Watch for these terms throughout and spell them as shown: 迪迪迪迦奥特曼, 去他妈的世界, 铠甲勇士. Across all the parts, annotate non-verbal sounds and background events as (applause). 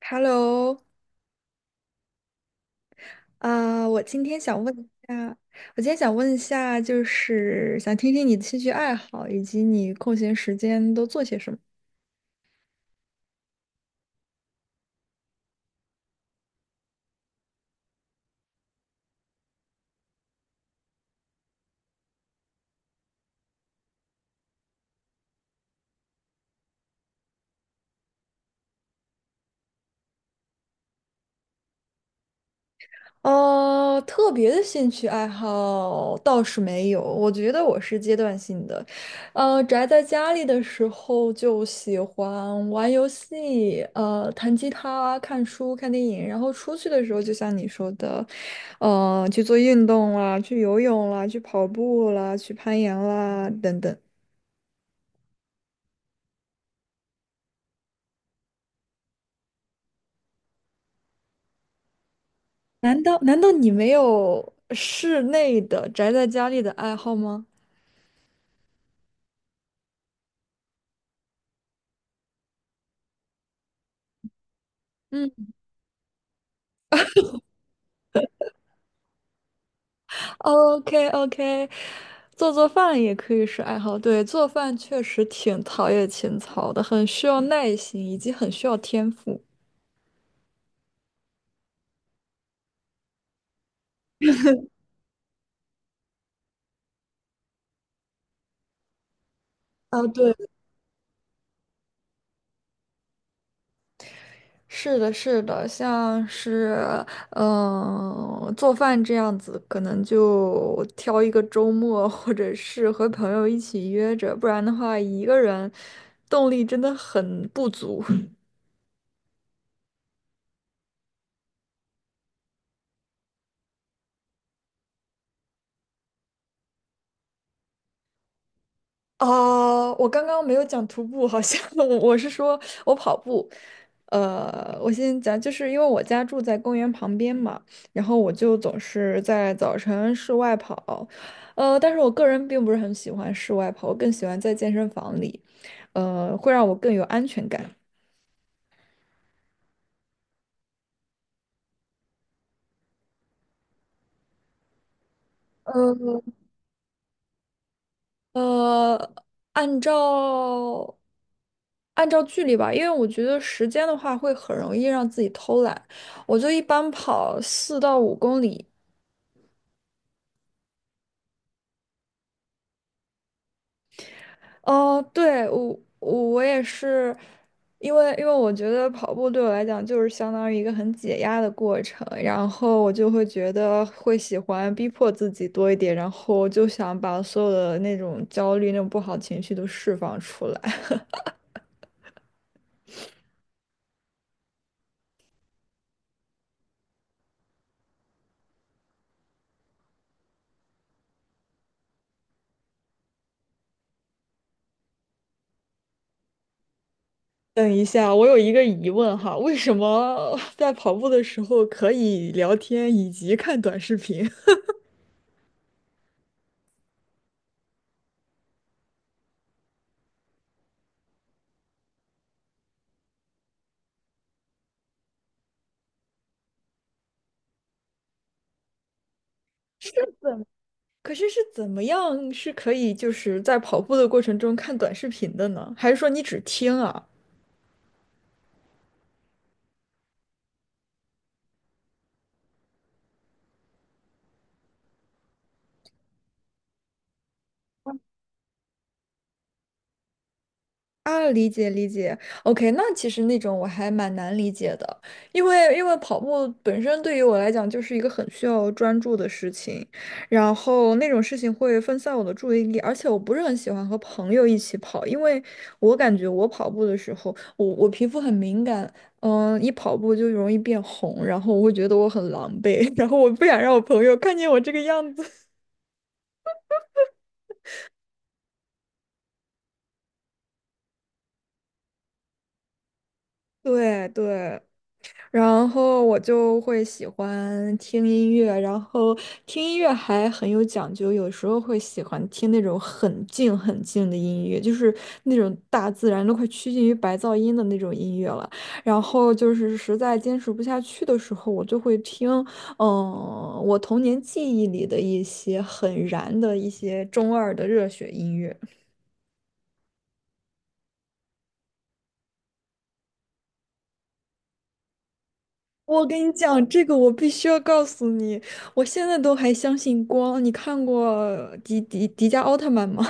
Hello，我今天想问一下，就是想听听你的兴趣爱好，以及你空闲时间都做些什么。特别的兴趣爱好倒是没有，我觉得我是阶段性的。宅在家里的时候就喜欢玩游戏，弹吉他、看书、看电影，然后出去的时候，就像你说的，去做运动啦，去游泳啦，去跑步啦，去攀岩啦，等等。难道你没有室内的宅在家里的爱好吗？嗯。OK OK，做做饭也可以是爱好。对，做饭确实挺陶冶情操的，很需要耐心，以及很需要天赋。啊，对，是的，是的，像是嗯，做饭这样子，可能就挑一个周末，或者是和朋友一起约着，不然的话，一个人动力真的很不足。哦，我刚刚没有讲徒步，好像 (laughs) 我是说我跑步。我先讲，就是因为我家住在公园旁边嘛，然后我就总是在早晨室外跑。但是我个人并不是很喜欢室外跑，我更喜欢在健身房里，会让我更有安全感。呃呃，按照按照距离吧，因为我觉得时间的话会很容易让自己偷懒，我就一般跑4到5公里。哦，对，我也是，因为我觉得跑步对我来讲就是相当于一个很解压的过程，然后我就会觉得会喜欢逼迫自己多一点，然后就想把所有的那种焦虑、那种不好情绪都释放出来。(laughs) 等一下，我有一个疑问哈，为什么在跑步的时候可以聊天以及看短视频？(laughs) 是怎？可是怎么样是可以就是在跑步的过程中看短视频的呢？还是说你只听啊？啊，理解理解，OK，那其实那种我还蛮难理解的，因为跑步本身对于我来讲就是一个很需要专注的事情，然后那种事情会分散我的注意力，而且我不是很喜欢和朋友一起跑，因为我感觉我跑步的时候，我皮肤很敏感，一跑步就容易变红，然后我会觉得我很狼狈，(laughs) 然后我不想让我朋友看见我这个样子。(laughs) 对对，然后我就会喜欢听音乐，然后听音乐还很有讲究，有时候会喜欢听那种很静很静的音乐，就是那种大自然都快趋近于白噪音的那种音乐了。然后就是实在坚持不下去的时候，我就会听，我童年记忆里的一些很燃的一些中二的热血音乐。我跟你讲，这个我必须要告诉你，我现在都还相信光。你看过迪迦奥特曼吗？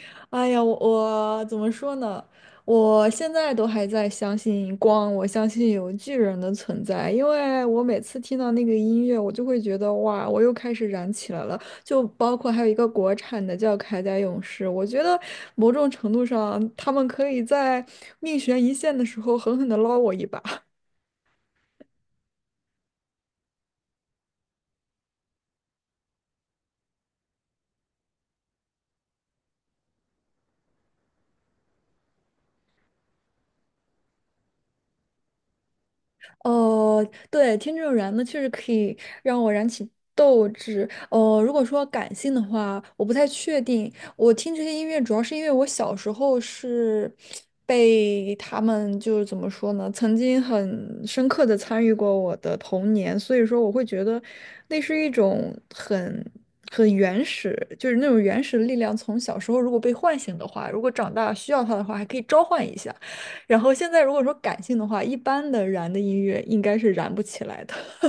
(laughs) 哎呀，我怎么说呢？我现在都还在相信光，我相信有巨人的存在，因为我每次听到那个音乐，我就会觉得哇，我又开始燃起来了。就包括还有一个国产的叫《铠甲勇士》，我觉得某种程度上，他们可以在命悬一线的时候狠狠地捞我一把。哦，对，听这种燃呢，确实可以让我燃起斗志。哦，如果说感性的话，我不太确定。我听这些音乐，主要是因为我小时候是被他们就是怎么说呢，曾经很深刻的参与过我的童年，所以说我会觉得那是一种很原始，就是那种原始的力量。从小时候如果被唤醒的话，如果长大需要它的话，还可以召唤一下。然后现在如果说感性的话，一般的燃的音乐应该是燃不起来的。(laughs)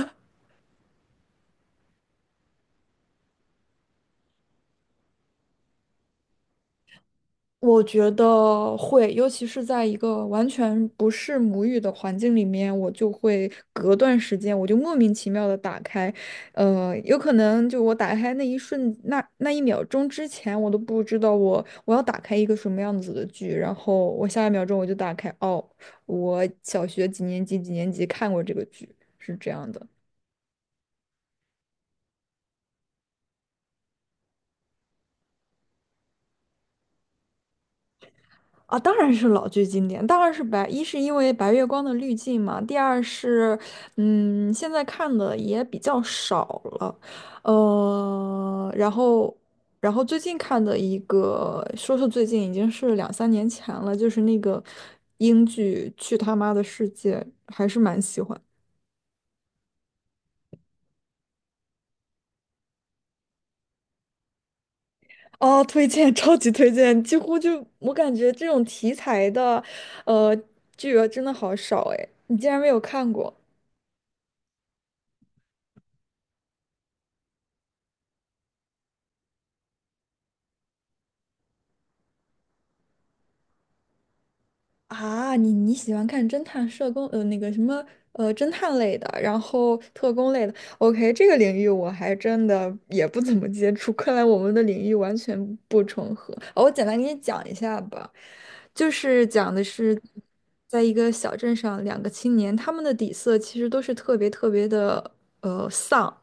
我觉得会，尤其是在一个完全不是母语的环境里面，我就会隔段时间，我就莫名其妙的打开，有可能就我打开那一瞬，那一秒钟之前，我都不知道我要打开一个什么样子的剧，然后我下一秒钟我就打开，哦，我小学几年级看过这个剧，是这样的。啊，当然是老剧经典，当然是白，一是因为白月光的滤镜嘛，第二是，现在看的也比较少了，呃，然后，然后最近看的一个，说是最近已经是两三年前了，就是那个英剧《去他妈的世界》，还是蛮喜欢。哦，推荐，(laughs) 超级推荐，几乎就我感觉这种题材的，呃，剧啊真的好少哎，你竟然没有看过。啊，你喜欢看侦探、社工，呃，那个什么，呃，侦探类的，然后特工类的。OK，这个领域我还真的也不怎么接触，看来我们的领域完全不重合。哦，我简单给你讲一下吧，就是讲的是，在一个小镇上，两个青年，他们的底色其实都是特别的，丧。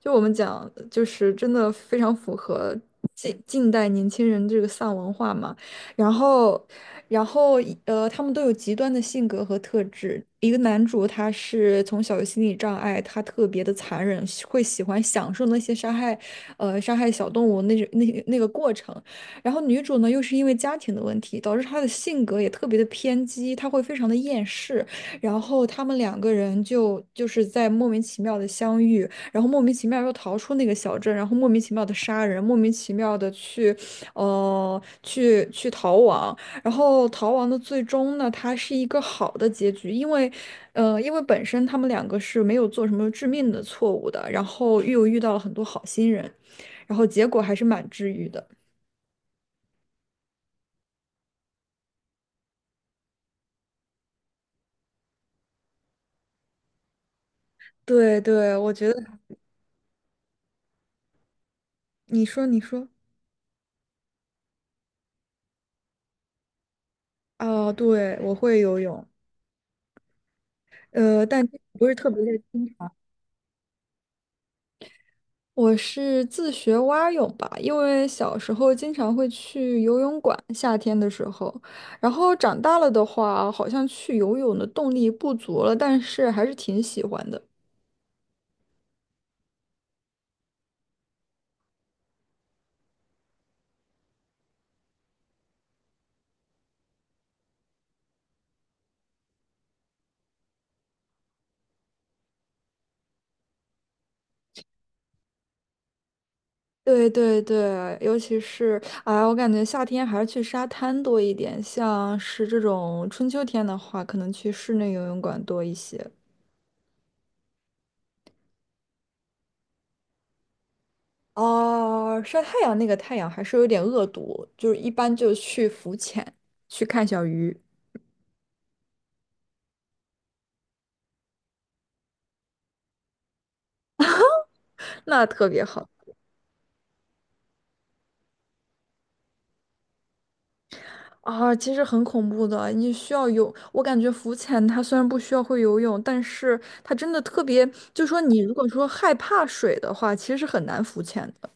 就我们讲，就是真的非常符合近代年轻人这个丧文化嘛。然后，然后，他们都有极端的性格和特质。一个男主他是从小有心理障碍，他特别的残忍，会喜欢享受那些杀害，杀害小动物那种那个过程。然后女主呢，又是因为家庭的问题，导致她的性格也特别的偏激，她会非常的厌世。然后他们两个人就是在莫名其妙的相遇，然后莫名其妙又逃出那个小镇，然后莫名其妙的杀人，莫名其妙的去。去逃亡，然后逃亡的最终呢，它是一个好的结局，因为本身他们两个是没有做什么致命的错误的，然后又遇到了很多好心人，然后结果还是蛮治愈的。对对，我觉得你说你说，啊，对，我会游泳，但不是特别的清楚。我是自学蛙泳吧，因为小时候经常会去游泳馆，夏天的时候，然后长大了的话，好像去游泳的动力不足了，但是还是挺喜欢的。对对对，尤其是哎，我感觉夏天还是去沙滩多一点，像是这种春秋天的话，可能去室内游泳馆多一些。哦，晒太阳那个太阳还是有点恶毒，就是一般就去浮潜，去看小鱼，(laughs) 那特别好。啊，其实很恐怖的，你需要有，我感觉浮潜它虽然不需要会游泳，但是它真的特别，就说你如果说害怕水的话，其实是很难浮潜的。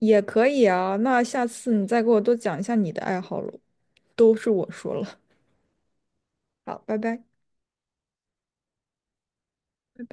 也可以啊，那下次你再给我多讲一下你的爱好喽，都是我说了。好，拜拜，拜拜。